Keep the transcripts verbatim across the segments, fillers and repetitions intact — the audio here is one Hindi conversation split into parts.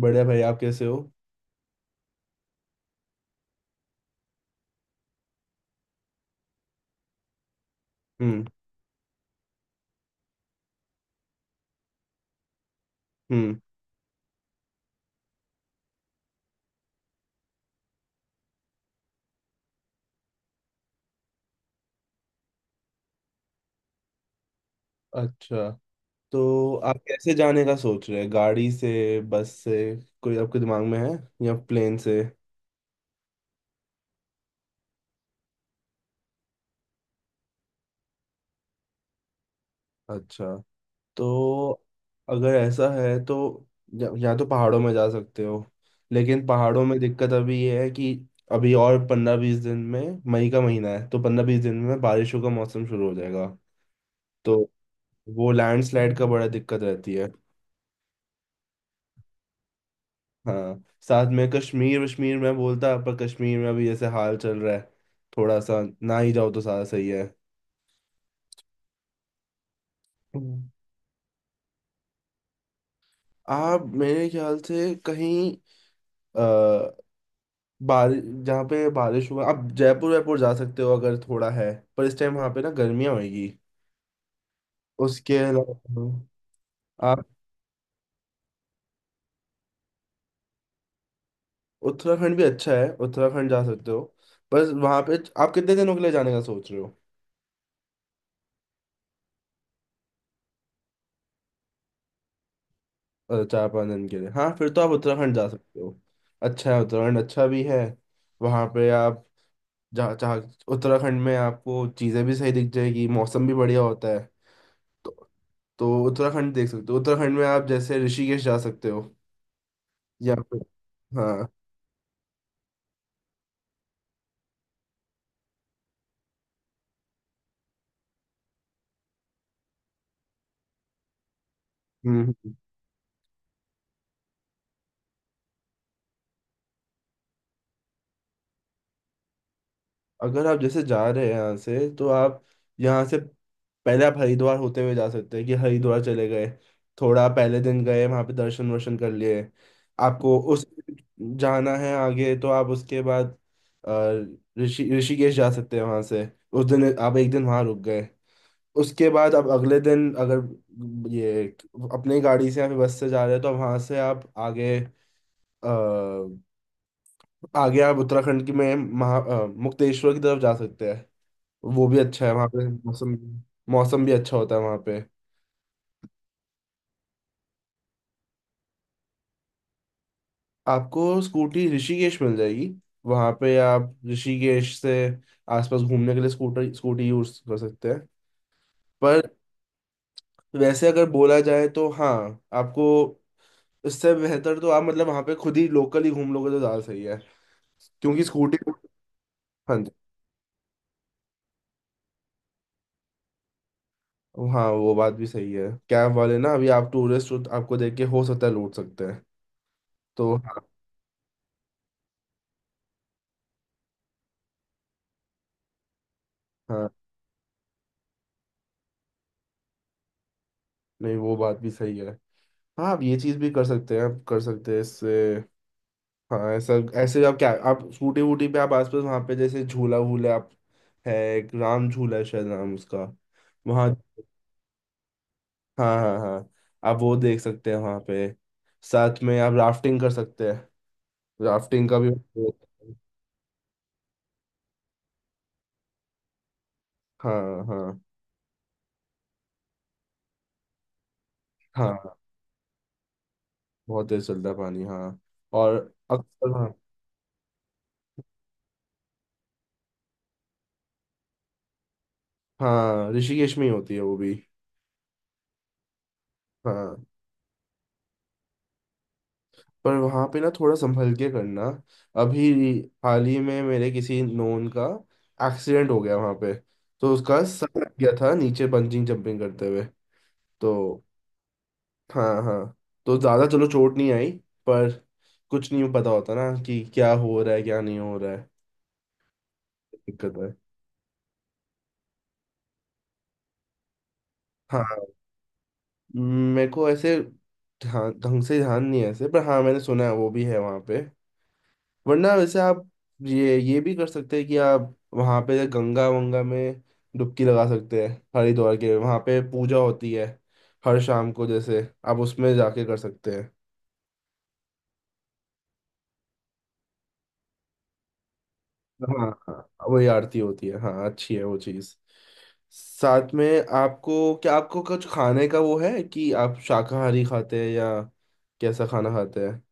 बढ़िया भाई, आप कैसे हो। हम्म। हम्म। अच्छा। तो आप कैसे जाने का सोच रहे हैं? गाड़ी से, बस से? कोई आपके दिमाग में है, या प्लेन से? अच्छा। तो अगर ऐसा है तो या, या तो पहाड़ों में जा सकते हो। लेकिन पहाड़ों में दिक्कत अभी ये है कि अभी और पंद्रह बीस दिन में मई का महीना है, तो पंद्रह बीस दिन में बारिशों का मौसम शुरू हो जाएगा। तो वो लैंडस्लाइड का बड़ा दिक्कत रहती है। हाँ, साथ में कश्मीर वश्मीर में बोलता, पर कश्मीर में अभी जैसे हाल चल रहा है थोड़ा सा, ना ही जाओ तो सारा सही है। हम्म। आप मेरे ख्याल से कहीं आ, बारिश जहाँ पे बारिश हुआ आप जयपुर वायपुर जा सकते हो अगर थोड़ा है, पर इस टाइम वहाँ पे ना गर्मियाँ होगी। उसके अलावा आप उत्तराखंड भी अच्छा है, उत्तराखंड जा सकते हो। बस वहाँ पे आप कितने दिनों के लिए जाने का सोच रहे हो? अ, चार पाँच दिन के लिए हाँ, फिर तो आप उत्तराखंड जा सकते हो। अच्छा है उत्तराखंड, अच्छा भी है। वहाँ पे आप जा चाह उत्तराखंड में आपको चीज़ें भी सही दिख जाएगी, मौसम भी बढ़िया होता है। तो तो उत्तराखंड देख सकते हो। उत्तराखंड में आप जैसे ऋषिकेश जा सकते हो, या फिर हाँ। हम्म। हम्म। अगर आप जैसे जा रहे हैं यहाँ से तो आप यहाँ से पहले आप हरिद्वार होते हुए जा सकते हैं कि हरिद्वार चले गए, थोड़ा पहले दिन गए, वहाँ पे दर्शन वर्शन कर लिए। आपको उस जाना है आगे, तो आप उसके बाद अ, ऋषि ऋषिकेश जा सकते हैं। वहाँ से उस दिन आप एक दिन वहाँ रुक गए, उसके बाद आप अगले दिन अगर ये अपनी गाड़ी से या फिर बस से जा रहे हैं तो वहाँ से आप आगे अ, आगे आप उत्तराखंड की में महा अ, मुक्तेश्वर की तरफ जा सकते हैं। वो भी अच्छा है, वहाँ पे मौसम मौसम भी अच्छा होता है। वहाँ पे आपको स्कूटी ऋषिकेश मिल जाएगी। वहाँ पे आप ऋषिकेश से आसपास घूमने के लिए स्कूटर स्कूटी यूज कर सकते हैं। पर वैसे अगर बोला जाए तो हाँ, आपको इससे बेहतर तो आप मतलब वहाँ पे खुद ही लोकल ही घूम लोगे तो ज़्यादा सही है, क्योंकि स्कूटी। हाँ जी। हाँ, वो बात भी सही है। कैब वाले ना अभी आप टूरिस्ट हो तो आपको देख के हो सकता है लूट सकते हैं। तो हाँ। हाँ, नहीं वो बात भी सही है। हाँ, आप ये चीज भी कर सकते हैं, आप कर सकते हैं इससे। हाँ, ऐसा, ऐसे आप क्या आप स्कूटी वूटी पे आप आसपास वहाँ पे जैसे झूला वूला आप है एक राम झूला है शायद नाम उसका, वहाँ हाँ हाँ हाँ। आप वो देख सकते हैं वहाँ पे। साथ में आप राफ्टिंग कर सकते हैं। राफ्टिंग का भी हाँ। हाँ हाँ। बहुत तेज चलता है पानी, हाँ। और अक्सर हाँ। हाँ, ऋषिकेश में ही होती है वो भी। हाँ, पर वहां पे ना थोड़ा संभल के करना। अभी हाल ही में मेरे किसी नोन का एक्सीडेंट हो गया वहां पे। तो उसका सर लग गया था नीचे बंजिंग जंपिंग करते हुए। तो हाँ हाँ। तो ज्यादा चलो चोट नहीं आई, पर कुछ नहीं पता होता ना कि क्या हो रहा है क्या नहीं हो रहा है। दिक्कत है। हाँ, मेरे को ऐसे ध्यान ढंग से ध्यान नहीं है ऐसे, पर हाँ मैंने सुना है वो भी है वहां पे। वरना वैसे आप ये ये भी कर सकते हैं कि आप वहाँ पे गंगा वंगा में डुबकी लगा सकते हैं। हरिद्वार के वहाँ पे पूजा होती है हर शाम को, जैसे आप उसमें जाके कर सकते हैं। हाँ हाँ, वही आरती होती है हाँ। अच्छी है वो चीज़। साथ में आपको क्या आपको कुछ खाने का वो है कि आप शाकाहारी खाते हैं या कैसा खाना खाते हैं?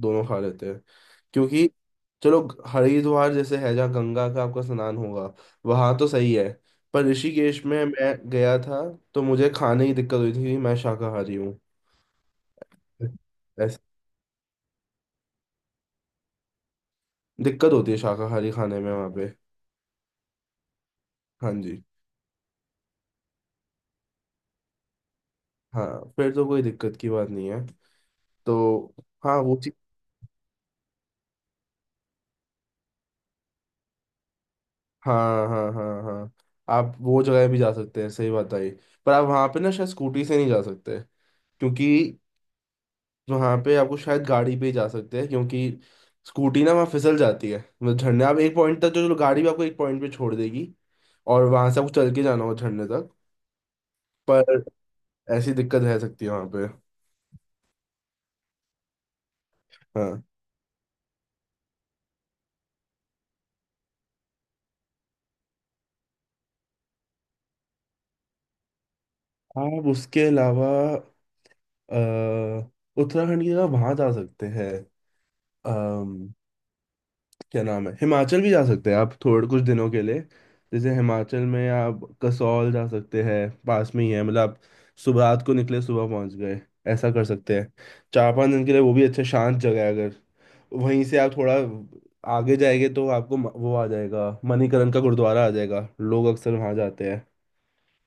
दोनों खा लेते हैं? क्योंकि चलो हरिद्वार जैसे है जहाँ गंगा का आपका स्नान होगा, वहां तो सही है। पर ऋषिकेश में मैं गया था तो मुझे खाने की दिक्कत हुई थी क्योंकि मैं शाकाहारी हूँ। ऐसे दिक्कत होती है शाकाहारी खाने में वहाँ पे। हाँ जी। हाँ, फिर तो कोई दिक्कत की बात नहीं है। तो हाँ, वो चीज। हाँ हाँ हाँ हाँ, आप वो जगह भी जा सकते हैं, सही बात आई। पर आप वहाँ पे ना शायद स्कूटी से नहीं जा सकते, क्योंकि तो वहाँ पे आपको शायद गाड़ी पे ही जा सकते हैं, क्योंकि स्कूटी ना वहाँ फिसल जाती है। मतलब झरने आप एक पॉइंट तक जो जो गाड़ी भी आपको एक पॉइंट पे छोड़ देगी, और वहां से आपको चल के जाना हो झरने तक। पर ऐसी दिक्कत रह सकती है वहाँ पे। हाँ, आप उसके अलावा अ, उत्तराखंड की जगह वहाँ जा सकते हैं। क्या नाम है, हिमाचल भी जा सकते हैं आप थोड़े कुछ दिनों के लिए। जैसे हिमाचल में आप कसौल जा सकते हैं, पास में ही है। मतलब आप सुबह रात को निकले, सुबह पहुंच गए, ऐसा कर सकते हैं। चार पांच दिन के लिए वो भी अच्छा शांत जगह है। अगर वहीं से आप थोड़ा आगे जाएंगे तो आपको म- वो आ जाएगा मणिकरण का गुरुद्वारा आ जाएगा, लोग अक्सर वहां जाते हैं।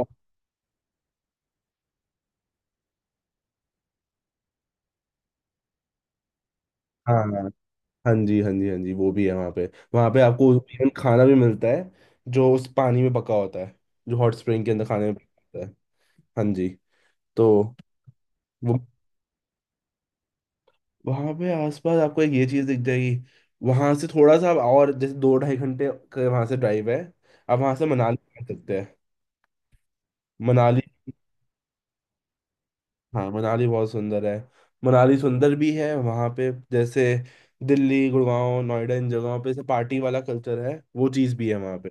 और हाँ, हाँ जी हाँ जी हाँ जी, वो भी है वहाँ पे। वहाँ पे आपको even खाना भी मिलता है जो उस पानी में पका होता है, जो हॉट स्प्रिंग के अंदर खाने में पका होता है। हाँ जी। तो वहां पे आसपास आपको एक ये चीज दिख जाएगी। वहां से थोड़ा सा आप और जैसे दो ढाई घंटे के वहां से ड्राइव है, आप वहां से मनाली जा सकते हैं। मनाली। हाँ, मनाली बहुत सुंदर है। मनाली सुंदर भी है। वहां पे जैसे दिल्ली गुड़गांव नोएडा इन जगहों पे से पार्टी वाला कल्चर है, वो चीज भी है वहां पे।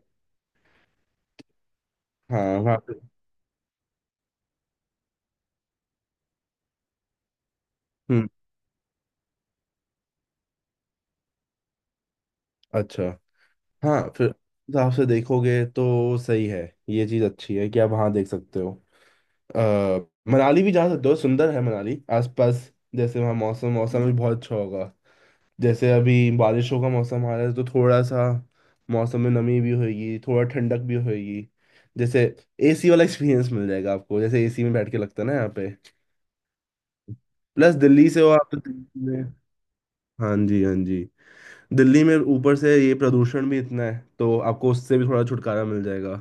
हाँ वहाँ पे। हम्म। अच्छा। हाँ, फिर उस हिसाब से देखोगे तो सही है, ये चीज अच्छी है कि आप वहां देख सकते हो। आ, मनाली भी जा सकते हो, सुंदर है मनाली। आसपास जैसे वहाँ मौसम मौसम भी बहुत अच्छा होगा। जैसे अभी बारिशों का मौसम आ रहा है, तो थोड़ा सा मौसम में नमी भी होगी, थोड़ा ठंडक भी होगी। जैसे एसी वाला एक्सपीरियंस मिल जाएगा आपको, जैसे एसी में बैठ के लगता है ना यहाँ पे। प्लस दिल्ली से हो आप तो दिल्ली में हाँ जी हाँ जी, दिल्ली में ऊपर से ये प्रदूषण भी इतना है तो आपको उससे भी थोड़ा छुटकारा मिल जाएगा।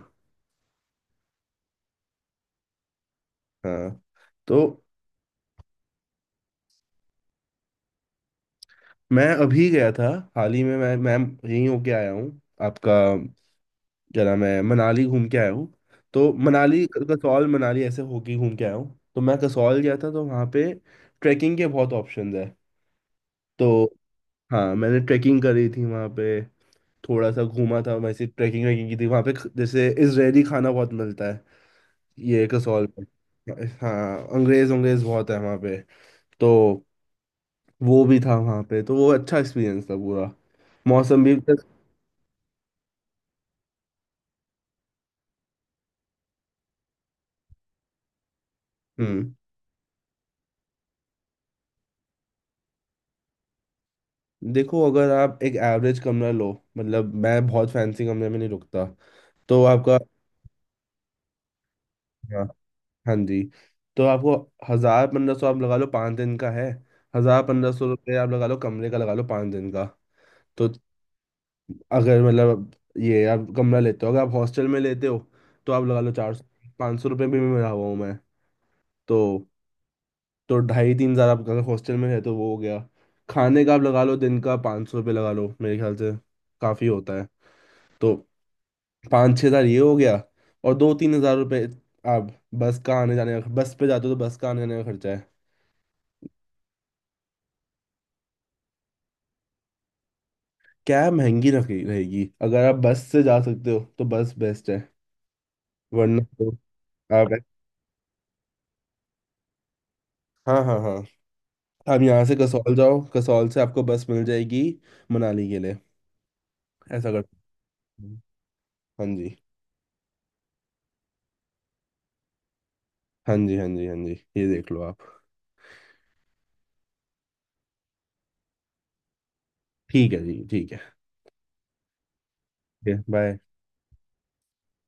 हाँ। तो मैं अभी गया था, हाल ही में मैं मैं यहीं होके आया हूँ। आपका क्या नाम है मनाली घूम के आया हूँ। तो मनाली कसौल मनाली ऐसे होके घूम के आया हूँ। तो मैं कसौल गया था, तो वहाँ पे ट्रैकिंग के बहुत ऑप्शंस है। तो हाँ, मैंने ट्रैकिंग करी थी वहाँ पे, थोड़ा सा घूमा था वैसे ट्रैकिंग वैकिंग की थी वहाँ पे ख- जैसे इजरायली खाना बहुत मिलता है ये कसौल में। हाँ, अंग्रेज अंग्रेज बहुत है वहाँ पे। तो वो भी था वहाँ पे, तो वो अच्छा एक्सपीरियंस था पूरा, मौसम भी। हम्म। देखो अगर आप एक एवरेज कमरा लो, मतलब मैं बहुत फैंसी कमरे में नहीं रुकता। तो आपका हाँ हाँ जी, तो आपको हजार पंद्रह सौ आप लगा लो, पाँच दिन का है। हजार पंद्रह सौ रुपये आप लगा लो कमरे का, लगा लो पाँच दिन का। तो अगर मतलब ये आप कमरा लेते हो, अगर आप हॉस्टल में लेते हो तो आप लगा लो चार सौ पाँच सौ रुपये भी में रहा हुआ हूँ मैं। तो तो ढाई तीन हज़ार आप अगर हॉस्टल में रहे तो वो हो गया। खाने का आप लगा लो दिन का पाँच सौ रुपये लगा लो मेरे ख्याल से काफ़ी होता है। तो पाँच छः हज़ार ये हो गया, और दो तीन हज़ार रुपये आप बस का आने जाने का, बस पे जाते हो तो बस का आने जाने का खर्चा है। कैब महंगी रखे- रहेगी, अगर आप बस से जा सकते हो तो बस बेस्ट है। वरना तो आप हाँ हाँ हाँ, आप यहाँ से कसौल जाओ, कसौल से आपको बस मिल जाएगी मनाली के लिए। ऐसा कर सकते हो। हाँ जी हाँ जी हाँ जी हाँ जी, ये देख लो आप। ठीक है जी, ठीक है बाय।